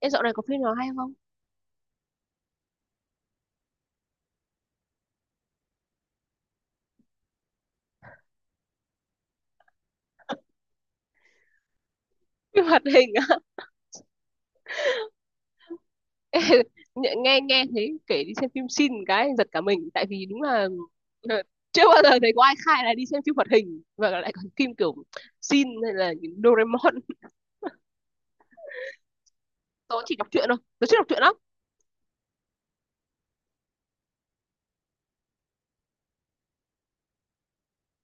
Em dạo này có phim nào hay không? Phim hoạt hình á. Ê, Nghe nghe nghe thấy kể đi xem phim xin cái giật cả mình tại vì đúng là là chưa bao giờ thấy có ai khai là đi xem phim hoạt hình và lại còn phim kiểu xin hay là những Doraemon. Tớ chỉ đọc truyện thôi. Tớ chưa đọc truyện lắm.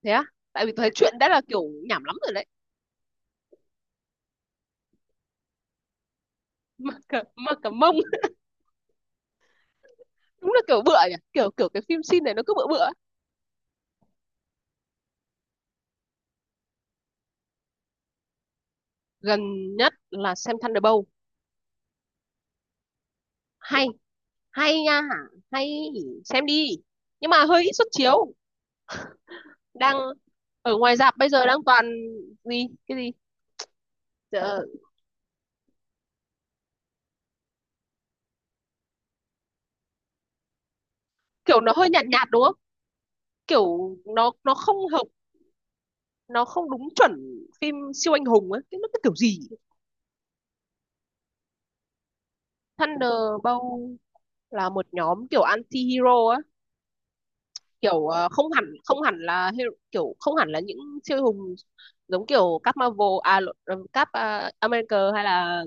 Thế á? Tại vì tớ thấy truyện đã là kiểu nhảm lắm rồi đấy. Mà cả mông đúng là kiểu bựa nhỉ. Kiểu kiểu cái phim xin này nó cứ bựa bựa. Gần nhất là xem Thunderbolt. Hay, hay nha, hay xem đi. Nhưng mà hơi ít suất chiếu. Đang ở ngoài rạp bây giờ đang toàn gì cái gì. Ờ, Kiểu nó hơi nhạt nhạt đúng không, kiểu nó không hợp, nó không đúng chuẩn phim siêu anh hùng ấy, cái nó cái kiểu gì. Thunderbolt là một nhóm kiểu anti-hero á, kiểu không hẳn là hero, kiểu không hẳn là những siêu anh hùng, giống kiểu các Marvel à lộn, các America hay là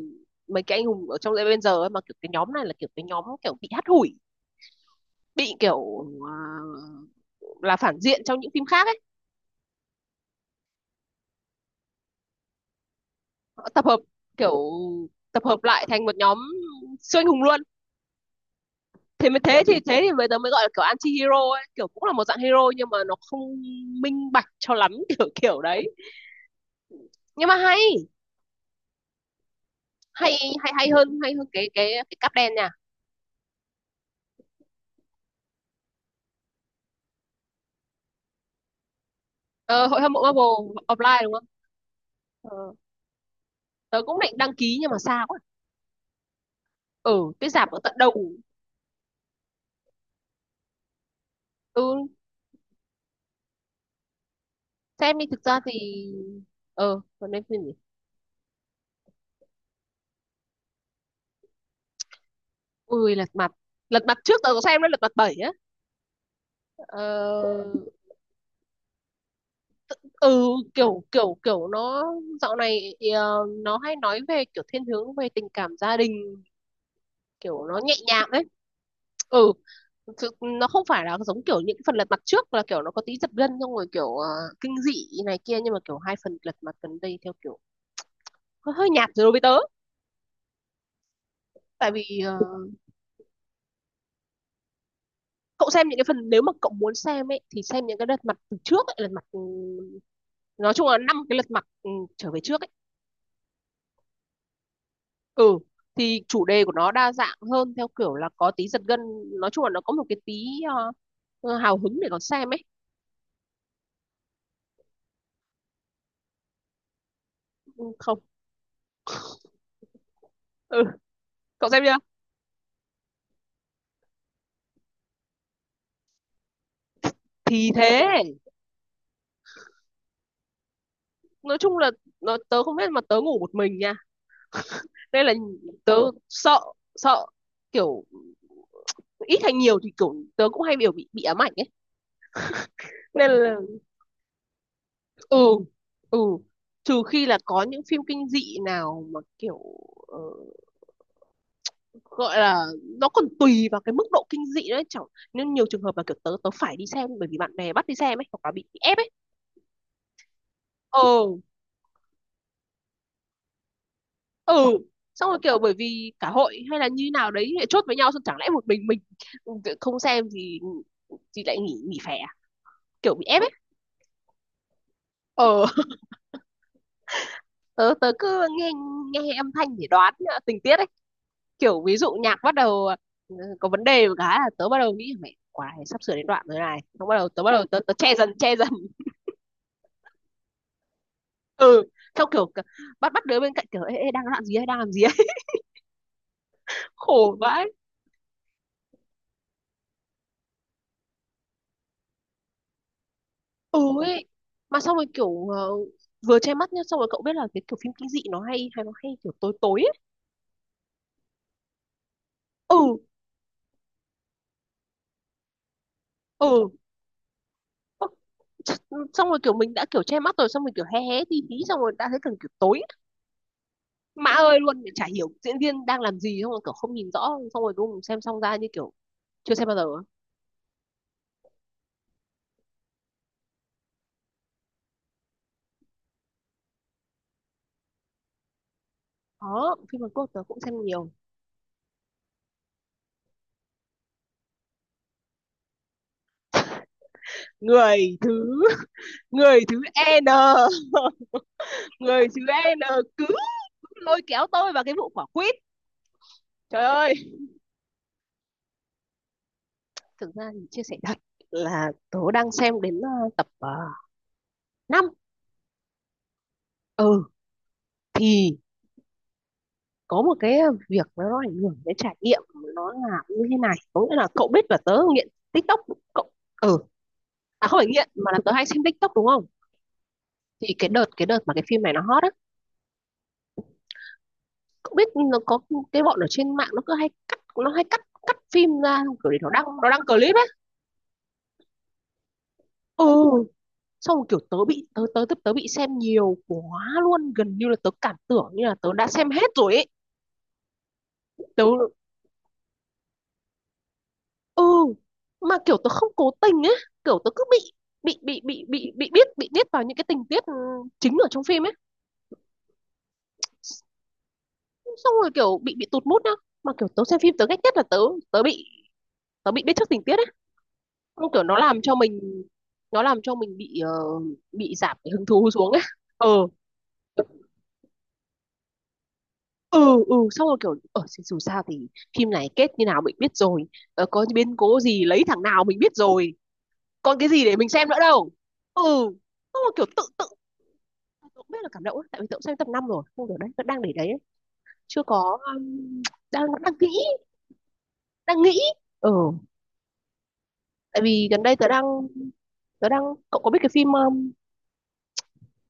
mấy cái anh hùng ở trong Avengers ấy, mà kiểu cái nhóm này là kiểu cái nhóm kiểu bị hắt hủi, bị kiểu là phản diện trong những phim khác ấy, họ tập hợp kiểu tập hợp lại thành một nhóm siêu anh hùng luôn. Thế mới thế thì bây giờ mới gọi là kiểu anti hero ấy, kiểu cũng là một dạng hero nhưng mà nó không minh bạch cho lắm kiểu kiểu đấy, nhưng mà hay, hay hay hơn cái cáp đen nha. Ờ, hội hâm mộ Marvel offline đúng không. Ờ, tớ cũng định đăng ký nhưng mà xa quá, ừ cái rạp ở tận đầu. Ừ, xem đi, thực ra thì ờ còn nên phim gì. Ui lật mặt, lật mặt trước tớ có xem đấy, lật mặt bảy á. ờ, ừ kiểu kiểu kiểu nó dạo này nó hay nói về kiểu thiên hướng về tình cảm gia đình, kiểu nó nhẹ nhàng ấy. Ừ thực- nó không phải là giống kiểu những phần lật mặt trước là kiểu nó có tí giật gân xong rồi kiểu kinh dị này kia, nhưng mà kiểu hai phần lật mặt gần đây theo kiểu hơi nhạt rồi đối với tớ, tại vì cậu xem những cái phần, nếu mà cậu muốn xem ấy thì xem những cái lật mặt từ trước ấy, lật mặt nói chung là năm cái lật mặt trở về trước ấy. Ừ thì chủ đề của nó đa dạng hơn, theo kiểu là có tí giật gân, nói chung là nó có một cái tí ờ, hào hứng để còn xem ấy. Ừ, không. Ừ cậu xem chưa. Thì thế, nói chung là nó, tớ không biết mà tớ ngủ một mình nha, nên là tớ sợ, sợ kiểu ít hay nhiều thì kiểu tớ cũng hay biểu bị ám ảnh ấy, nên là ừ, ừ trừ khi là có những phim kinh dị nào mà kiểu ờ, gọi là nó còn tùy vào cái mức độ kinh dị đấy, chẳng nên nhiều trường hợp là kiểu tớ tớ phải đi xem bởi vì bạn bè bắt đi xem ấy hoặc là bị ép ấy. Ừ, ừ xong rồi kiểu bởi vì cả hội hay là như nào đấy lại chốt với nhau, xong chẳng lẽ một mình không xem thì lại nghỉ nghỉ phè à? Kiểu bị ép ấy. Ờ tớ tớ cứ nghe, nghe âm thanh để đoán tình tiết ấy, kiểu ví dụ nhạc bắt đầu, có vấn đề một cái là tớ bắt đầu nghĩ mẹ quái sắp sửa đến đoạn rồi này, xong bắt đầu tớ che dần ừ. Xong kiểu c- bắt bắt đứa bên cạnh kiểu ê, ê đang làm gì ấy, khổ vãi. Ừ ấy, mà xong rồi kiểu vừa che mắt nhá, xong rồi cậu biết là cái kiểu phim kinh dị nó hay hay nó hay kiểu tối tối ấy. Ừ, ừ. Ơ, ch- xong rồi kiểu mình đã kiểu che mắt rồi, xong rồi kiểu hé hé tí tí xong rồi đã thấy cần kiểu tối mã ơi luôn, chả hiểu diễn viên đang làm gì, xong rồi kiểu không nhìn rõ, xong rồi đúng xem xong ra như kiểu chưa xem bao giờ á? Có, phim Hàn Quốc tớ cũng xem nhiều. Người thứ người thứ N, người thứ N cứ lôi kéo tôi vào cái vụ quả quýt, trời ơi. Thực ra thì chia sẻ thật là tớ đang xem đến tập 5. Ừ thì có một cái việc nó ảnh hưởng đến trải nghiệm, nó là như thế này, có nghĩa là cậu biết là tớ nghiện TikTok, cậu ừ. À không phải nghiện mà là tớ hay xem TikTok đúng không, thì cái đợt mà cái phim này nó hot á, cậu biết nó có cái bọn ở trên mạng nó cứ hay cắt phim ra kiểu để nó đăng, clip ấy. Ừ xong rồi kiểu tớ bị tớ tớ tớ, tớ bị xem nhiều quá luôn, gần như là tớ cảm tưởng như là tớ đã xem hết rồi ấy. Tớ ừ, mà kiểu tớ không cố tình ấy, kiểu tớ cứ bị biết, bị biết vào những cái tình tiết chính ở trong phim ấy, xong rồi kiểu bị tụt mood nhá. Mà kiểu tớ xem phim tớ ghét nhất là tớ tớ bị, bị biết trước tình tiết ấy. Không, kiểu nó làm cho mình, nó làm cho mình bị bị giảm cái hứng thú xuống ấy. Ờ ừ, ừ xong rồi kiểu ở dù sao thì phim này kết như nào mình biết rồi. Ờ, có biến cố gì lấy thằng nào mình biết rồi. Còn cái gì để mình xem nữa đâu. Ừ. Xong rồi kiểu tự tự tôi cũng biết là cảm động ấy, tại vì tôi cũng xem tập 5 rồi. Không được đấy, vẫn đang để đấy ấy. Chưa có đang đang nghĩ, đang nghĩ. Ừ, tại vì gần đây tớ đang cậu có biết cái phim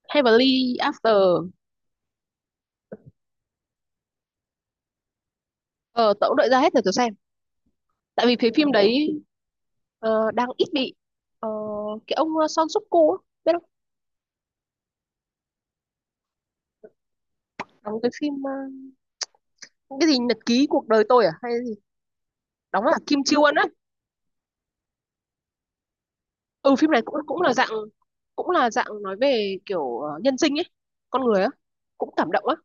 Heavenly After. Ờ tớ cũng đợi ra hết rồi tớ xem, tại vì cái phim đấy đang ít bị ờ, cái ông Son Suk Ku á, biết không, đóng cái phim ờ, cái gì nhật ký cuộc đời tôi à hay gì, đóng là Kim Chiêu Won á. Ừ phim này cũng cũng là dạng, cũng là dạng nói về kiểu nhân sinh ấy, con người á, cũng cảm động á.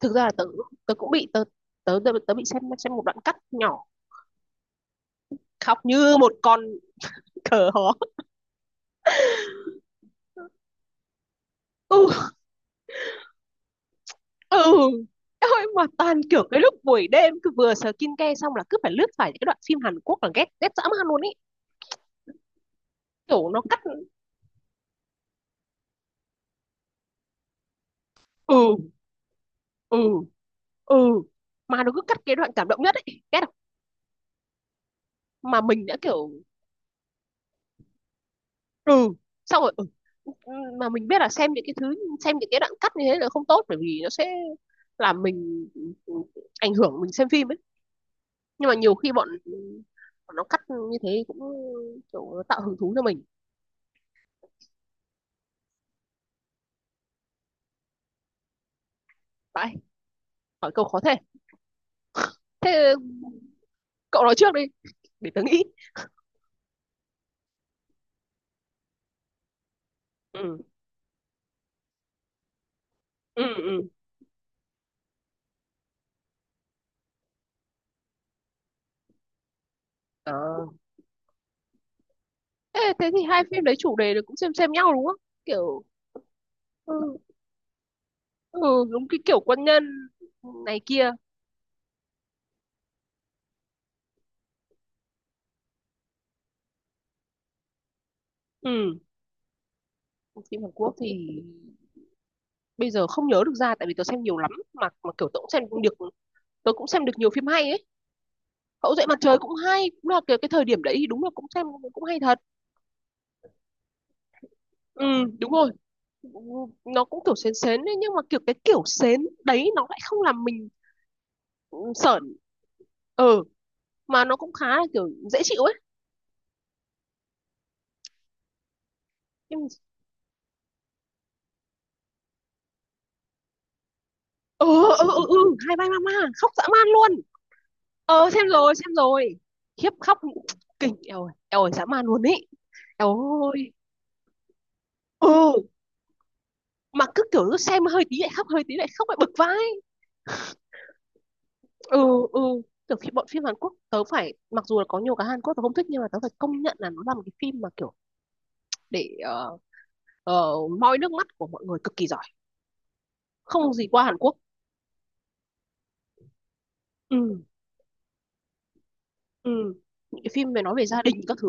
Thực ra là tớ tớ cũng bị tớ bị xem một đoạn cắt nhỏ, khóc như một con cờ hó. Ừ, ừ ôi mà toàn kiểu cái lúc buổi đêm cứ vừa sờ kin ke xong là cứ phải lướt phải những cái đoạn phim Hàn Quốc là ghét ghét dã man luôn ý, kiểu nó cắt. Ừ ừ ừ mà nó cứ cắt cái đoạn cảm động nhất ấy, ghét không, mà mình đã kiểu ừ xong rồi ừ. Mà mình biết là xem những cái thứ, xem những cái đoạn cắt như thế là không tốt bởi vì nó sẽ làm mình ảnh hưởng mình xem phim ấy, nhưng mà nhiều khi bọn, bọn nó cắt như thế cũng kiểu nó tạo hứng thú cho mình. Vậy hỏi câu khó thế, thế cậu nói trước đi để tớ nghĩ. Ừ ừ ừ. Ờ. Thế, thì hai phim đấy chủ đề là cũng xem nhau đúng không, kiểu ừ, ừ đúng cái kiểu quân nhân này kia. Ừ phim Hàn Quốc thì bây giờ không nhớ được ra, tại vì tớ xem nhiều lắm, mà kiểu tớ cũng xem được nhiều phim hay ấy. Cậu dậy mặt trời cũng hay, cũng là cái thời điểm đấy thì đúng là cũng xem, cũng hay thật. Ừ đúng rồi, nó cũng kiểu sến sến ấy, nhưng mà kiểu cái kiểu sến đấy nó lại không làm mình ừ, sởn. Ừ mà nó cũng khá là kiểu dễ chịu ấy. Nhưng- ừ, ừ, ừ. Hai ba ma ma khóc dã man luôn. Ờ xem rồi, khiếp khóc kinh, eo ơi, eo ơi dã man luôn ý, eo ơi. Ừ mà cứ kiểu cứ xem hơi tí lại khóc, hơi tí lại khóc lại bực vai. Ừ, ừ kiểu khi bọn phim Hàn Quốc tớ phải, mặc dù là có nhiều cái Hàn Quốc tớ không thích nhưng mà tớ phải công nhận là nó là một cái phim mà kiểu để ờ, moi nước mắt của mọi người cực kỳ giỏi, không gì qua Hàn Quốc. Ừ ừ những cái phim về nói về gia đình các thứ,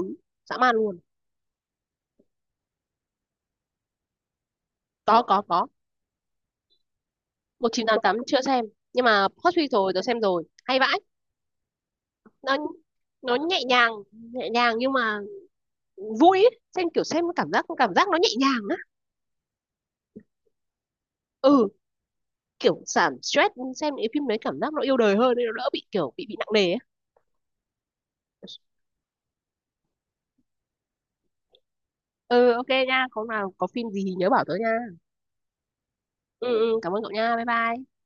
dã man luôn. Có, một chín tám tám chưa xem, nhưng mà Hot Suite rồi tớ xem rồi, hay vãi. Nó nhẹ nhàng, nhưng mà vui ấy. Xem kiểu xem cảm giác nó nhẹ nhàng á. Ừ, kiểu giảm stress, xem những phim đấy cảm giác nó yêu đời hơn nên nó đỡ bị kiểu bị nặng nề ấy. Ừ ok nha, có nào có phim gì thì nhớ bảo tớ nha. Ừ, ừ cảm ơn cậu nha, bye bye.